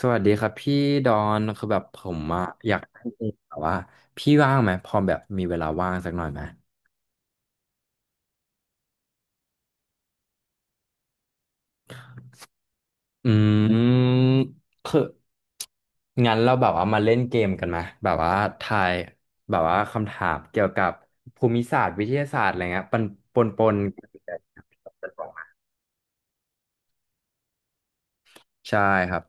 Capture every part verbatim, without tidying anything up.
สวัสดีครับพี่ดอนคือแบบผมอะอยากให้พี่แบบว่าพี่ว่างไหมพอแบบมีเวลาว่างสักหน่อยไหมอืมคืองั้นเราแบบว่ามาเล่นเกมกันไหมแบบว่าทายแบบว่าคำถามเกี่ยวกับภูมิศาสตร์วิทยาศาสตร์อะไรเงี้ยปนปนปนใช่ครับ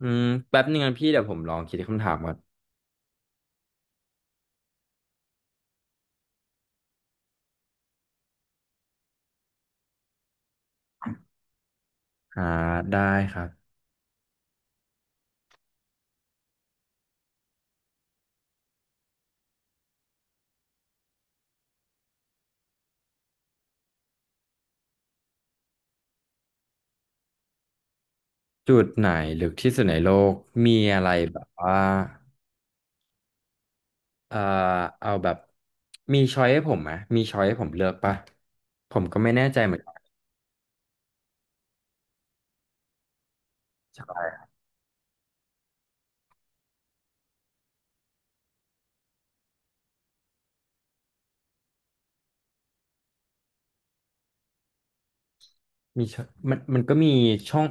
อืมแป๊บนึงนะพี่เดี๋ยวผมลองคิดคำถามก่อนอ่าได้ครับจุดไหนลึกที่สุดในโลกมีอะไรแบบว่า เอ่อเอาแบบมีช้อยให้ผมไหมมีช้อยให้ผมเลือกปะผมก็ไม่แน่ใจเหมือนกันใช่มี choice มันมันก็มีช่อง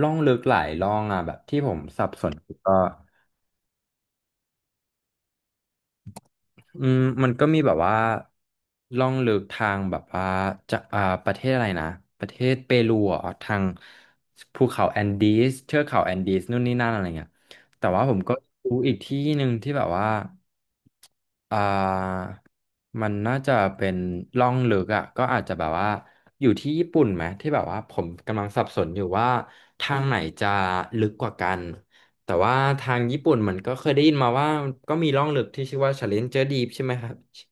ร่องลึกหลายร่องอ่ะแบบที่ผมสับสนก็ อืมมันก็มีแบบว่าล่องลึกทางแบบว่าจะอ่าประเทศอะไรนะประเทศเปรูอ่ะทางภูเขาแอนดีสเทือกเขาแอนดีสนู่นนี่นั่นอะไรเงี้ยแต่ว่าผมก็รู้อีกที่หนึ่งที่แบบว่าอ่ามันน่าจะเป็นล่องลึกอ่ะก็อาจจะแบบว่าอยู่ที่ญี่ปุ่นไหมที่แบบว่าผมกำลังสับสนอยู่ว่าทางไหนจะลึกกว่ากัน แต่ว่าทางญี่ปุ่นเหมือนก็เคยได้ยินมาว่าก็มีร่องลึกที่ชื่อว่า Challenger Deep ใช่ไหมครับชิ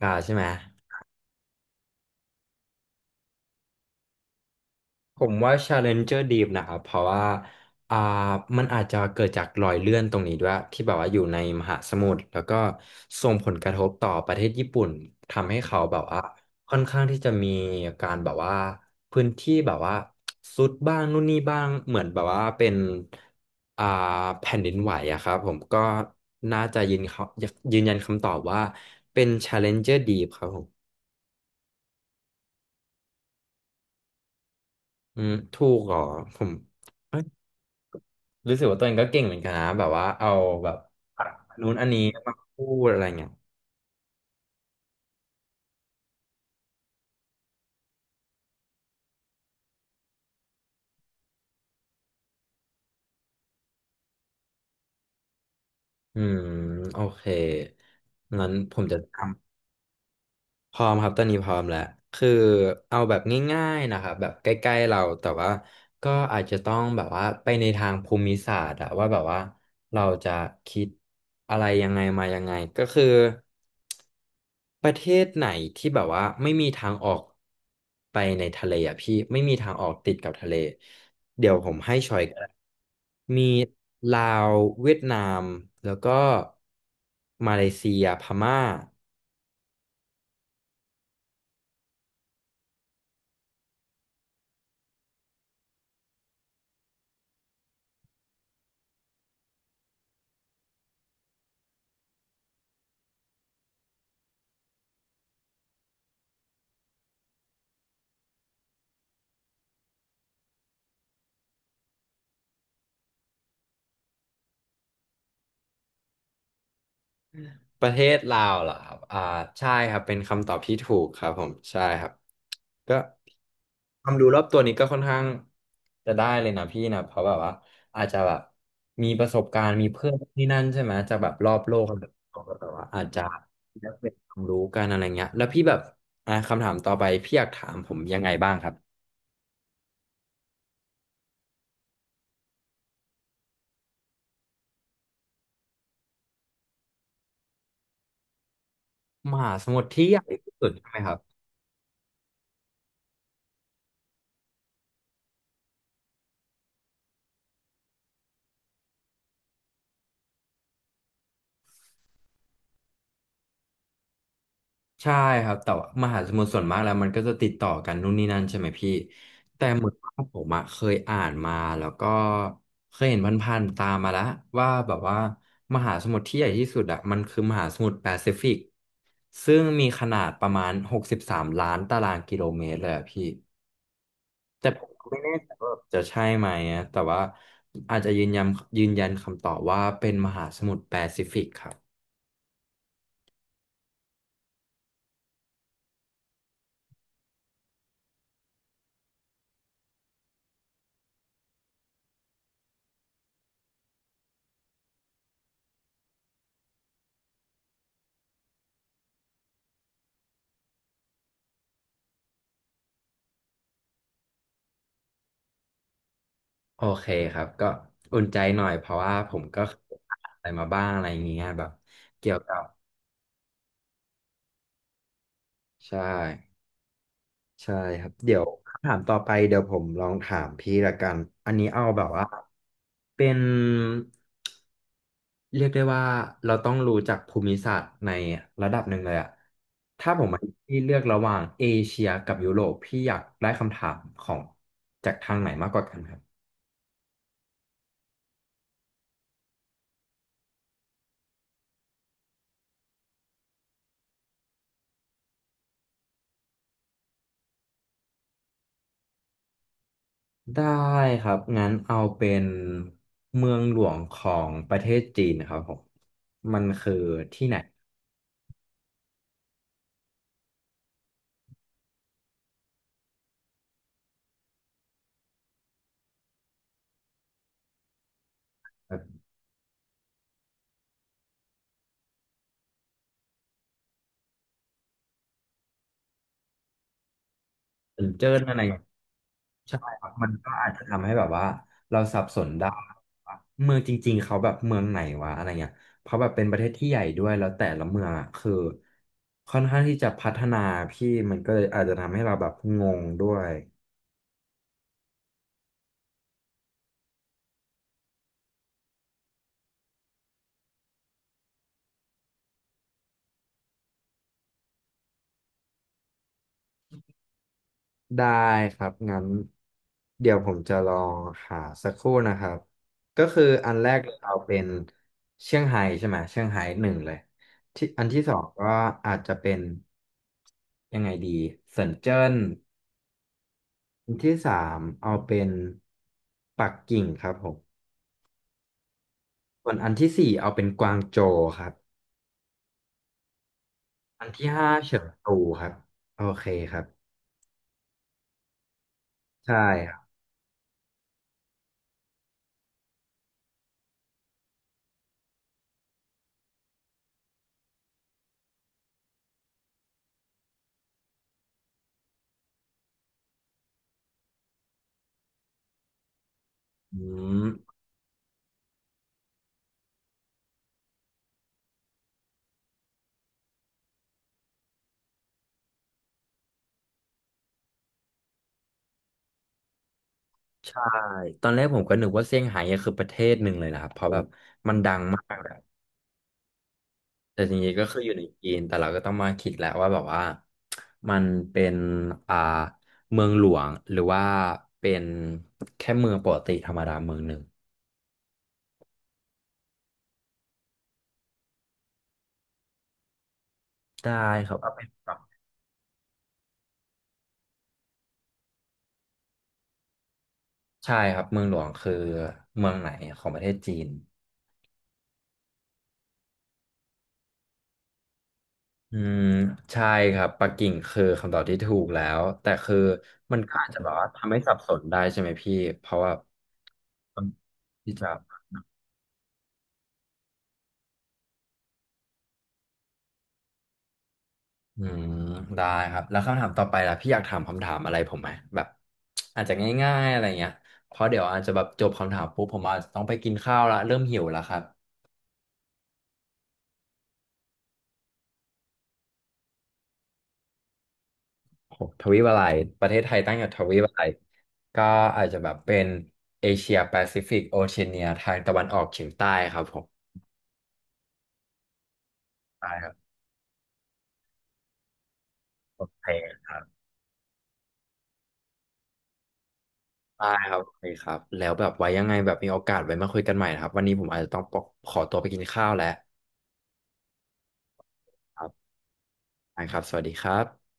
คาใช่ไหม ผมว่า Challenger Deep นะครับเพราะว่าอ่ามันอาจจะเกิดจากรอยเลื่อนตรงนี้ด้วยที่แบบว่าอยู่ในมหาสมุทรแล้วก็ส่งผลกระทบต่อประเทศญี่ปุ่นทำให้เขาแบบว่าค่อนข้างที่จะมีการแบบว่าพื้นที่แบบว่าซุดบ้างนู่นนี่บ้างเหมือนแบบว่าเป็นอ่าแผ่นดินไหวอะครับผมก็น่าจะยืนเขายืนยันคำตอบว่าเป็น Challenger Deep ครับผมอืมถูกเหรอผม รู้สึกว่าตัวเองก็เก่งเหมือนกันนะแบบว่าเอาแบบนู้นอันนี้มาพูดอะไรเงี้ยอืมโอเคงั้นผมจะทำ พร้อมครับตอนนี้พร้อมแล้วคือเอาแบบง่ายๆนะครับแบบใกล้ๆเราแต่ว่าก็อาจจะต้องแบบว่าไปในทางภูมิศาสตร์อะว่าแบบว่าเราจะคิดอะไรยังไงมายังไงก็คือประเทศไหนที่แบบว่าไม่มีทางออกไปในทะเลอ่ะพี่ไม่มีทางออกติดกับทะเลเดี๋ยวผมให้ชอยก็ได้มีลาวเวียดนามแล้วก็มาเลเซียพม่า ประเทศลาวเหรอครับอ่าใช่ครับเป็นคำตอบที่ถูกครับผมใช่ครับก็ความรู้รอบตัวนี้ก็ค่อนข้างจะได้เลยนะพี่นะเพราะแบบว่าอาจจะแบบมีประสบการณ์มีเพื่อนที่นั่นใช่ไหมจากแบบรอบโลกอะไรแบบนี้ก็แบบว่าอาจจะได้เป็นความรู้กันอะไรเงี้ยแล้วพี่แบบอ่าคำถามต่อไปพี่อยากถามผมยังไงบ้างครับมหาสมุทรที่ใหญ่ที่สุดใช่ไหมครับ ใช่ครับแต่ว่ามหาสมุทรส่วนมากแล้วมันก็จะติดต่อกันนู่นนี่นั่นใช่ไหมพี่แต่เหมือนว่าผมอะเคยอ่านมาแล้วก็เคยเห็นผพันๆตามมาแล้วว่าแบบว่ามหาสมุทรที่ใหญ่ที่สุดอะมันคือมหาสมุทรแปซิฟิกซึ่งมีขนาดประมาณหกสิบสามล้านตารางกิโลเมตรเลยอะพี่แต่ผมก็ไม่แน่ใจว่าจะใช่ไหมอะแต่ว่าอาจจะยืนยันยืนยันคำตอบว่าเป็นมหาสมุทรแปซิฟิกครับ โอเคครับก็อุ่นใจหน่อยเพราะว่าผมก็อานอะไรมาบ้างอะไรอย่างเงี้ยแบบเกี่ยวกับใช่ใช่ครับเดี๋ยวคำถามต่อไปเดี๋ยวผมลองถามพี่ละกันอันนี้เอาแบบว่าเป็นเรียกได้ว่าเราต้องรู้จักภูมิศาสตร์ในระดับหนึ่งเลยอะถ้าผมให้พี่เลือกระหว่างเอเชียกับยุโรปพี่อยากได้คำถามของจากทางไหนมากกว่ากันครับ ได้ครับงั้นเอาเป็นเมืองหลวงของประเทศจีนครับผมมันคือที่ไหนแบบเซินเจิ้นอะไรใช่ครับมันก็อาจจะทำให้แบบว่าเราสับสนได้ว่าเมืองจริงๆเขาแบบเมืองไหนวะอะไรเงี้ยเพราะแบบเป็นประเทศที่ใหญ่ด้วยแล้วแต่ละเมืองอ่ะคือค่อนข้างที่จะพัฒนาพี่มันก็เลยอาจจะทำให้เราแบบงงด้วย ได้ครับงั้นเดี๋ยวผมจะลองหาสักครู่นะครับก็คืออันแรกเราเป็นเชียงไฮ้ใช่ไหมเชียงไฮ้หนึ่งเลยที่อันที่สองก็อาจจะเป็นยังไงดีเซินเจิ้นอันที่สามเอาเป็นปักกิ่งครับผมส่วนอันที่สี่เอาเป็นกวางโจวครับอันที่ห้าเฉิงตูครับโอเคครับใช่ครับอืม ใช่ตอนแรกผมก็นึกว่าเซี่ยงไฮ้อะคือประเทศหนึ่งเลยนะครับเพราะแบบมันดังมากแหละแต่จริงๆก็คืออยู่ในจีนแต่เราก็ต้องมาคิดแล้วว่าแบบว่ามันเป็นอ่าเมืองหลวงหรือว่าเป็นแค่เมืองปกติธรรมดาเมืองหนึ่งได้ครับเอาเป็นแบบใช่ครับเมืองหลวงคือเมืองไหนของประเทศจีนอืมใช่ครับปักกิ่งคือคำตอบที่ถูกแล้วแต่คือมันก็อาจจะแบบว่าทำให้สับสนได้ใช่ไหมพี่เพราะว่าที่จะ อืมได้ครับแล้วคำถามต่อไปล่ะพี่อยากถามคำถามอะไรผมไหมแบบอาจจะง่ายๆอะไรเงี้ยเพราะเดี๋ยวอาจจะแบบจบคำถามปุ๊บผมอาจจะต้องไปกินข้าวละเริ่มหิวแล้วครับโอ้โหทวีปอะไรประเทศไทยตั้งอยู่ทวีปอะไรก็อาจจะแบบเป็นเอเชียแปซิฟิกโอเชียเนียทางตะวันออกเฉียงใต้ครับผมได้ครับโอเคครับได้ครับโอเคครับแล้วแบบไว้ยังไงแบบมีโอกาสไว้มาคุยกันใหม่นะครับวันนี้ผมอาจจะต้องขอตัวไปกินข้าวแล้วครับได้ครับสวัสดีครับ